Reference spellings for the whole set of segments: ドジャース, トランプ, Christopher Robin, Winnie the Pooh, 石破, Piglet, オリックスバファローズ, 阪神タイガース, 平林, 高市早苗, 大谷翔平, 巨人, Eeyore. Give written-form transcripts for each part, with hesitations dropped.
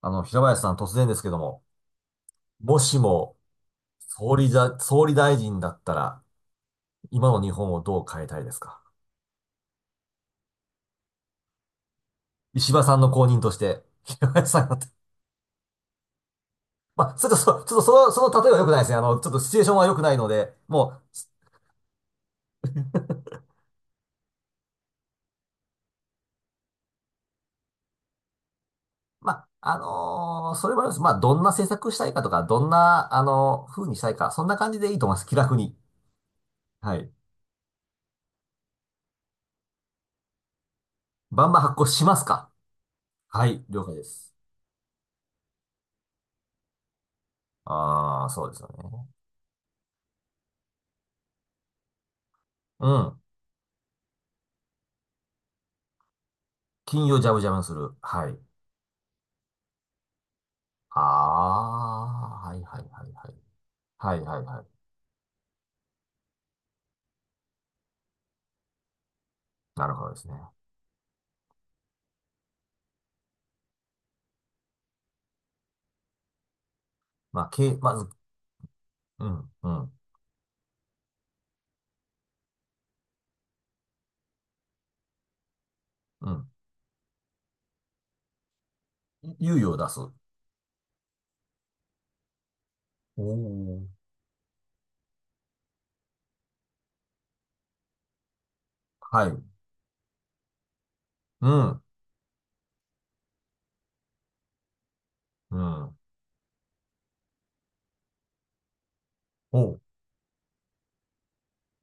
平林さん、突然ですけども、もしも、総理大臣だったら、今の日本をどう変えたいですか？石破さんの後任として、平林さんがって、まあ、ちょっとそ、ちょっとその、その例えは良くないですね。ちょっとシチュエーションは良くないので、もう、まあ、それもあります。まあ、どんな政策したいかとか、どんな、風にしたいか、そんな感じでいいと思います。気楽に。はい。バンバン発行しますか？はい、了解です。ああ、そうですよね。うん。金融ジャブジャブにする。はい。ああ、はいはいはいはい。はいはいはい。なるほどですね。まず、うん、うん、うん。猶予を出す。おー。はい。うん、うん。おう、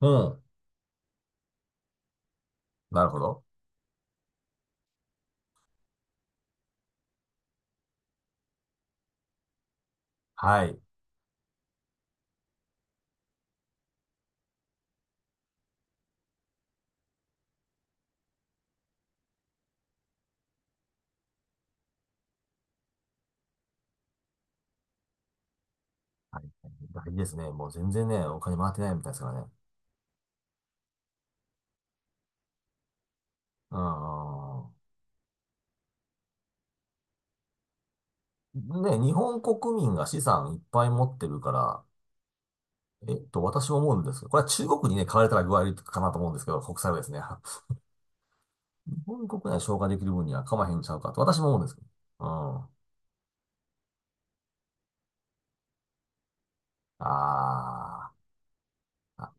うん。なるほど。はい。はい。大事ですね。もう全然ね、お金回ってないみたいですからね。うん。ね、日本国民が資産いっぱい持ってるから、えっと、私も思うんですけど、これは中国にね、買われたら具合悪いかなと思うんですけど、国債はですね。日本国内消化できる分には構へんちゃうかと私も思うんですけど。うん。あーあ。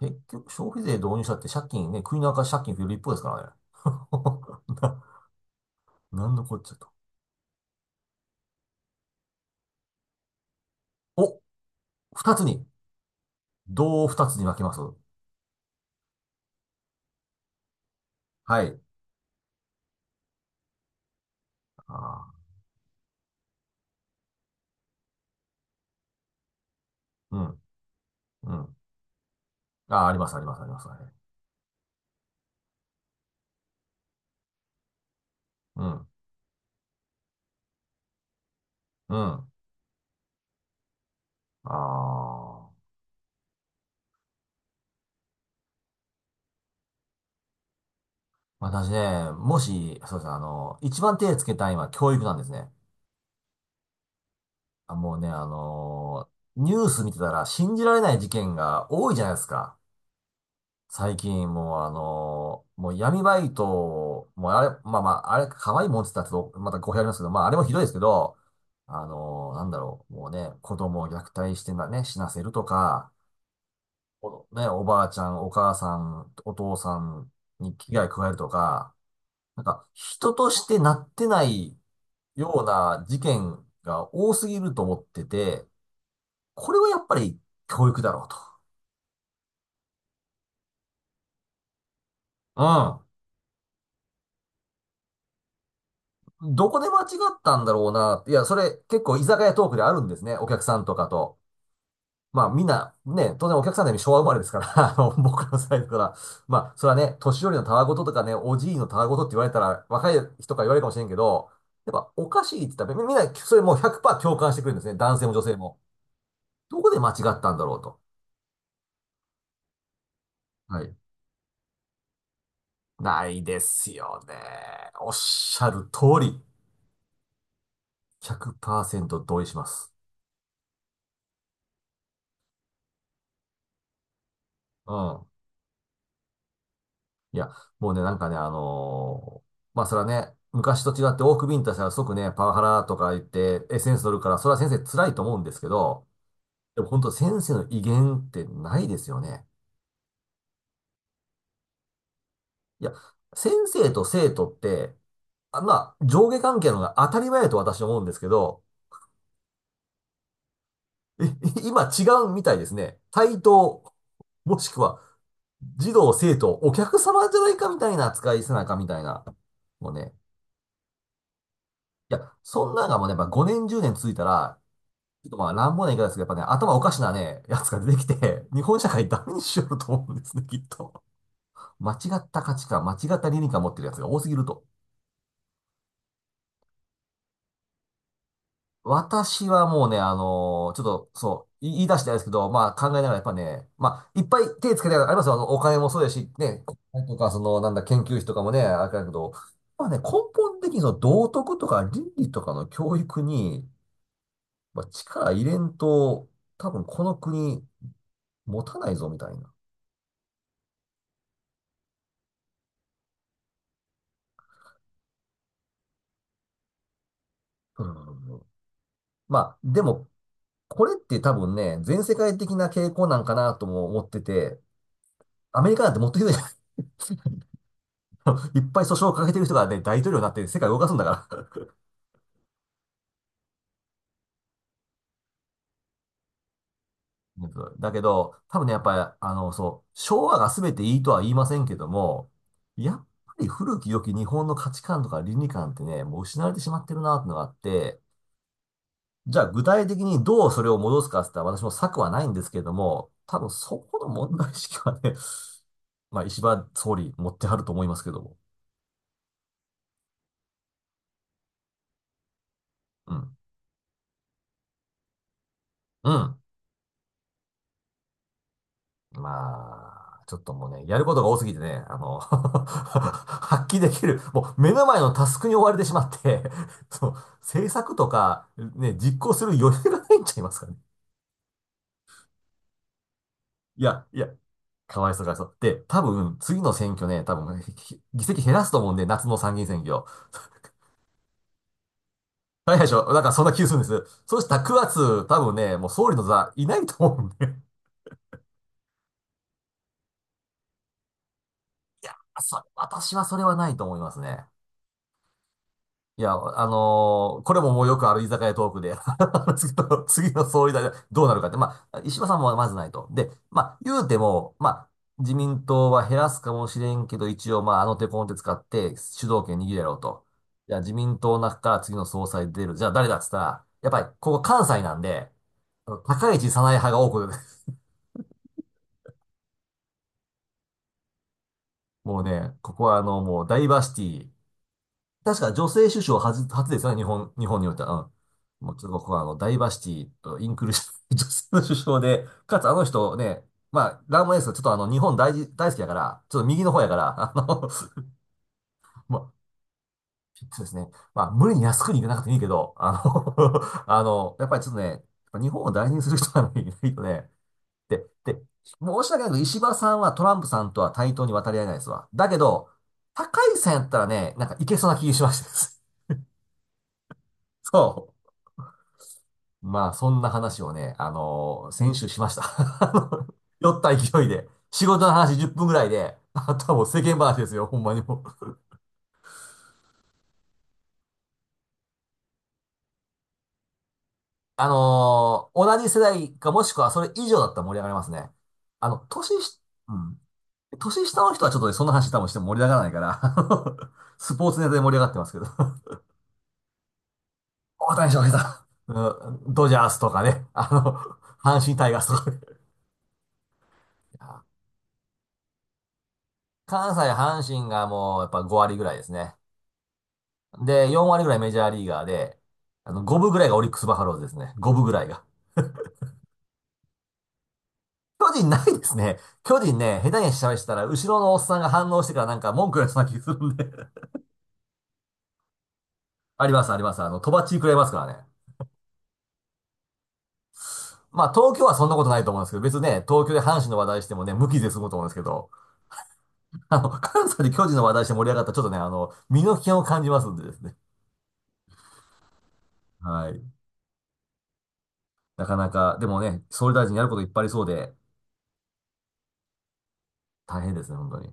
結局消費税導入したって借金ね、国の赤字借金増える一方ですからね。な、なんのこっちゃと。お、二つに。どう二つに分けます？はい。あー、うん、うん。あー、あります、あります、あります。はい。うん、うん。ああ。私ね、もし、そうですね、あの、一番手つけたいのは教育なんですね。あ、もうね、ニュース見てたら信じられない事件が多いじゃないですか。最近、もうあのーもう闇バイト、もうあれ、まあまあ、あれ、可愛いもんって言ったらちょっと、また語弊ありますけど、まあ、あれもひどいですけど、なんだろう、もうね、子供を虐待して、死なせるとか、おね、おばあちゃん、お母さん、お父さんに危害加えるとか、なんか、人としてなってないような事件が多すぎると思ってて、これはやっぱり教育だろうと。あどこで間違ったんだろうな。いや、それ結構居酒屋トークであるんですね。お客さんとかと。まあみんな、ね、当然お客さんで昭和生まれですから、あの、僕の世代だから、まあそれはね、年寄りのたわごととかね、おじいのたわごとって言われたら若い人から言われるかもしれんけど、やっぱおかしいって言ったらみんなそれもう100%共感してくれるんですね。男性も女性も。どこで間違ったんだろうと。はい。ないですよね。おっしゃる通り、100%同意します。うん。いや、もうね、なんかね、あのーまあ、それはね、昔と違って多くビンタしたら即ね、パワハラとか言って、エッセンス取るから、それは先生辛いと思うんですけど、でも本当先生の威厳ってないですよね。いや、先生と生徒って、まあ、上下関係の方が当たり前だと私は思うんですけど、え今違うみたいですね。対等、もしくは、児童、生徒、お客様じゃないかみたいな扱いせなあかんみたいな。もうね。いや、そんなのがもうね、やっぱ5年、10年続いたら、ちょっとまあ乱暴な言い方ですけど、やっぱね、頭おかしなね、やつが出てきて、日本社会ダメにしようと思うんですね、きっと。間違った価値観、間違った倫理観持ってるやつが多すぎると。私はもうね、ちょっと、そう、言い出していですけど、まあ考えながらやっぱね、まあ、いっぱい手つけてありますよ。あの、お金もそうですし、ね、国会とか、その、なんだ、研究費とかもね、あれだけど、まあね、根本的にその道徳とか倫理とかの教育に、まあ、力入れんと、多分この国持たないぞ、みたいな。うん。まあ、でも、これって多分ね、全世界的な傾向なんかなとも思ってて、アメリカなんてもっとひどいじゃない。 いっぱい訴訟をかけてる人がね、大統領になって世界を動かすんだから。 だけど、多分ね、やっぱり、あの、そう、昭和が全ていいとは言いませんけども、やっぱり古き良き日本の価値観とか倫理観ってね、もう失われてしまってるなってのがあって、じゃあ具体的にどうそれを戻すかって言ったら私も策はないんですけれども、多分そこの問題意識はね、まあ石破総理持ってはると思いますけども。うん。うん。まあ、ちょっともうね、やることが多すぎてね、あの 発揮できる、もう目の前のタスクに追われてしまって、その政策とかね、実行する余裕がないんちゃいますかね。いや、いや、かわいそうかわいそう。で、多分次の選挙ね、多分議席減らすと思うんで、夏の参議院選挙。大変でしょ。なんかそんな気がするんです。そうしたら9月、多分ね、もう総理の座いないと思うんで。いや、それ、私はそれはないと思いますね。いや、これももうよくある居酒屋トークで、次の総理大臣どうなるかって、まあ、石破さんもまずないと。で、まあ、言うても、まあ、自民党は減らすかもしれんけど、一応、まあ、あの手この手使って主導権握るやろうと。じゃあ、自民党の中から次の総裁出る。じゃあ、誰だっつったら、やっぱり、ここ関西なんで、高市早苗派が多く、もうね、ここはあの、もうダイバーシティ。確か女性首相初ですよね、日本においては。うん。もうちょっとここはあの、ダイバーシティとインクルーシブ、女性の首相で、かつあの人ね、まあ、ラーマエース、ちょっとあの、日本大事、大好きだから、ちょっと右の方やから、あの、まあ、そうですね。まあ、無理に安くに行かなくてもいいけど、あの あの、やっぱりちょっとね、ぱ日本を大事にする人がいないとね、で、で、申し訳ないけど、石破さんはトランプさんとは対等に渡り合えないですわ。だけど、高市さんやったらね、なんかいけそうな気がしました。そう。まあ、そんな話をね、先週しました。あの酔った勢いで。仕事の話10分ぐらいで、あとはもう世間話ですよ、ほんまにもう。同じ世代かもしくはそれ以上だったら盛り上がりますね。あの、年し、うん。年下の人はちょっとね、そんな話多分しても盛り上がらないから、スポーツネタで盛り上がってますけど。大谷翔平さん、うん、ドジャースとかね。あの、阪神タイガースとかね。いや、関西阪神がもうやっぱ5割ぐらいですね。で、4割ぐらいメジャーリーガーで、あの、5分ぐらいがオリックスバファローズですね。5分ぐらいが。巨人ないですね。巨人ね、下手に喋したら、後ろのおっさんが反応してからなんか文句言われそうな気がするんで。 あります、あります。あの、とばっちり食らいますからね。まあ、東京はそんなことないと思うんですけど、別にね、東京で阪神の話題してもね、無傷で済むと思うんですけど、あの、関西で巨人の話題して盛り上がったら、ちょっとね、あの、身の危険を感じますんでですね。はい。なかなか、でもね、総理大臣やることいっぱいありそうで、大変ですね、本当に。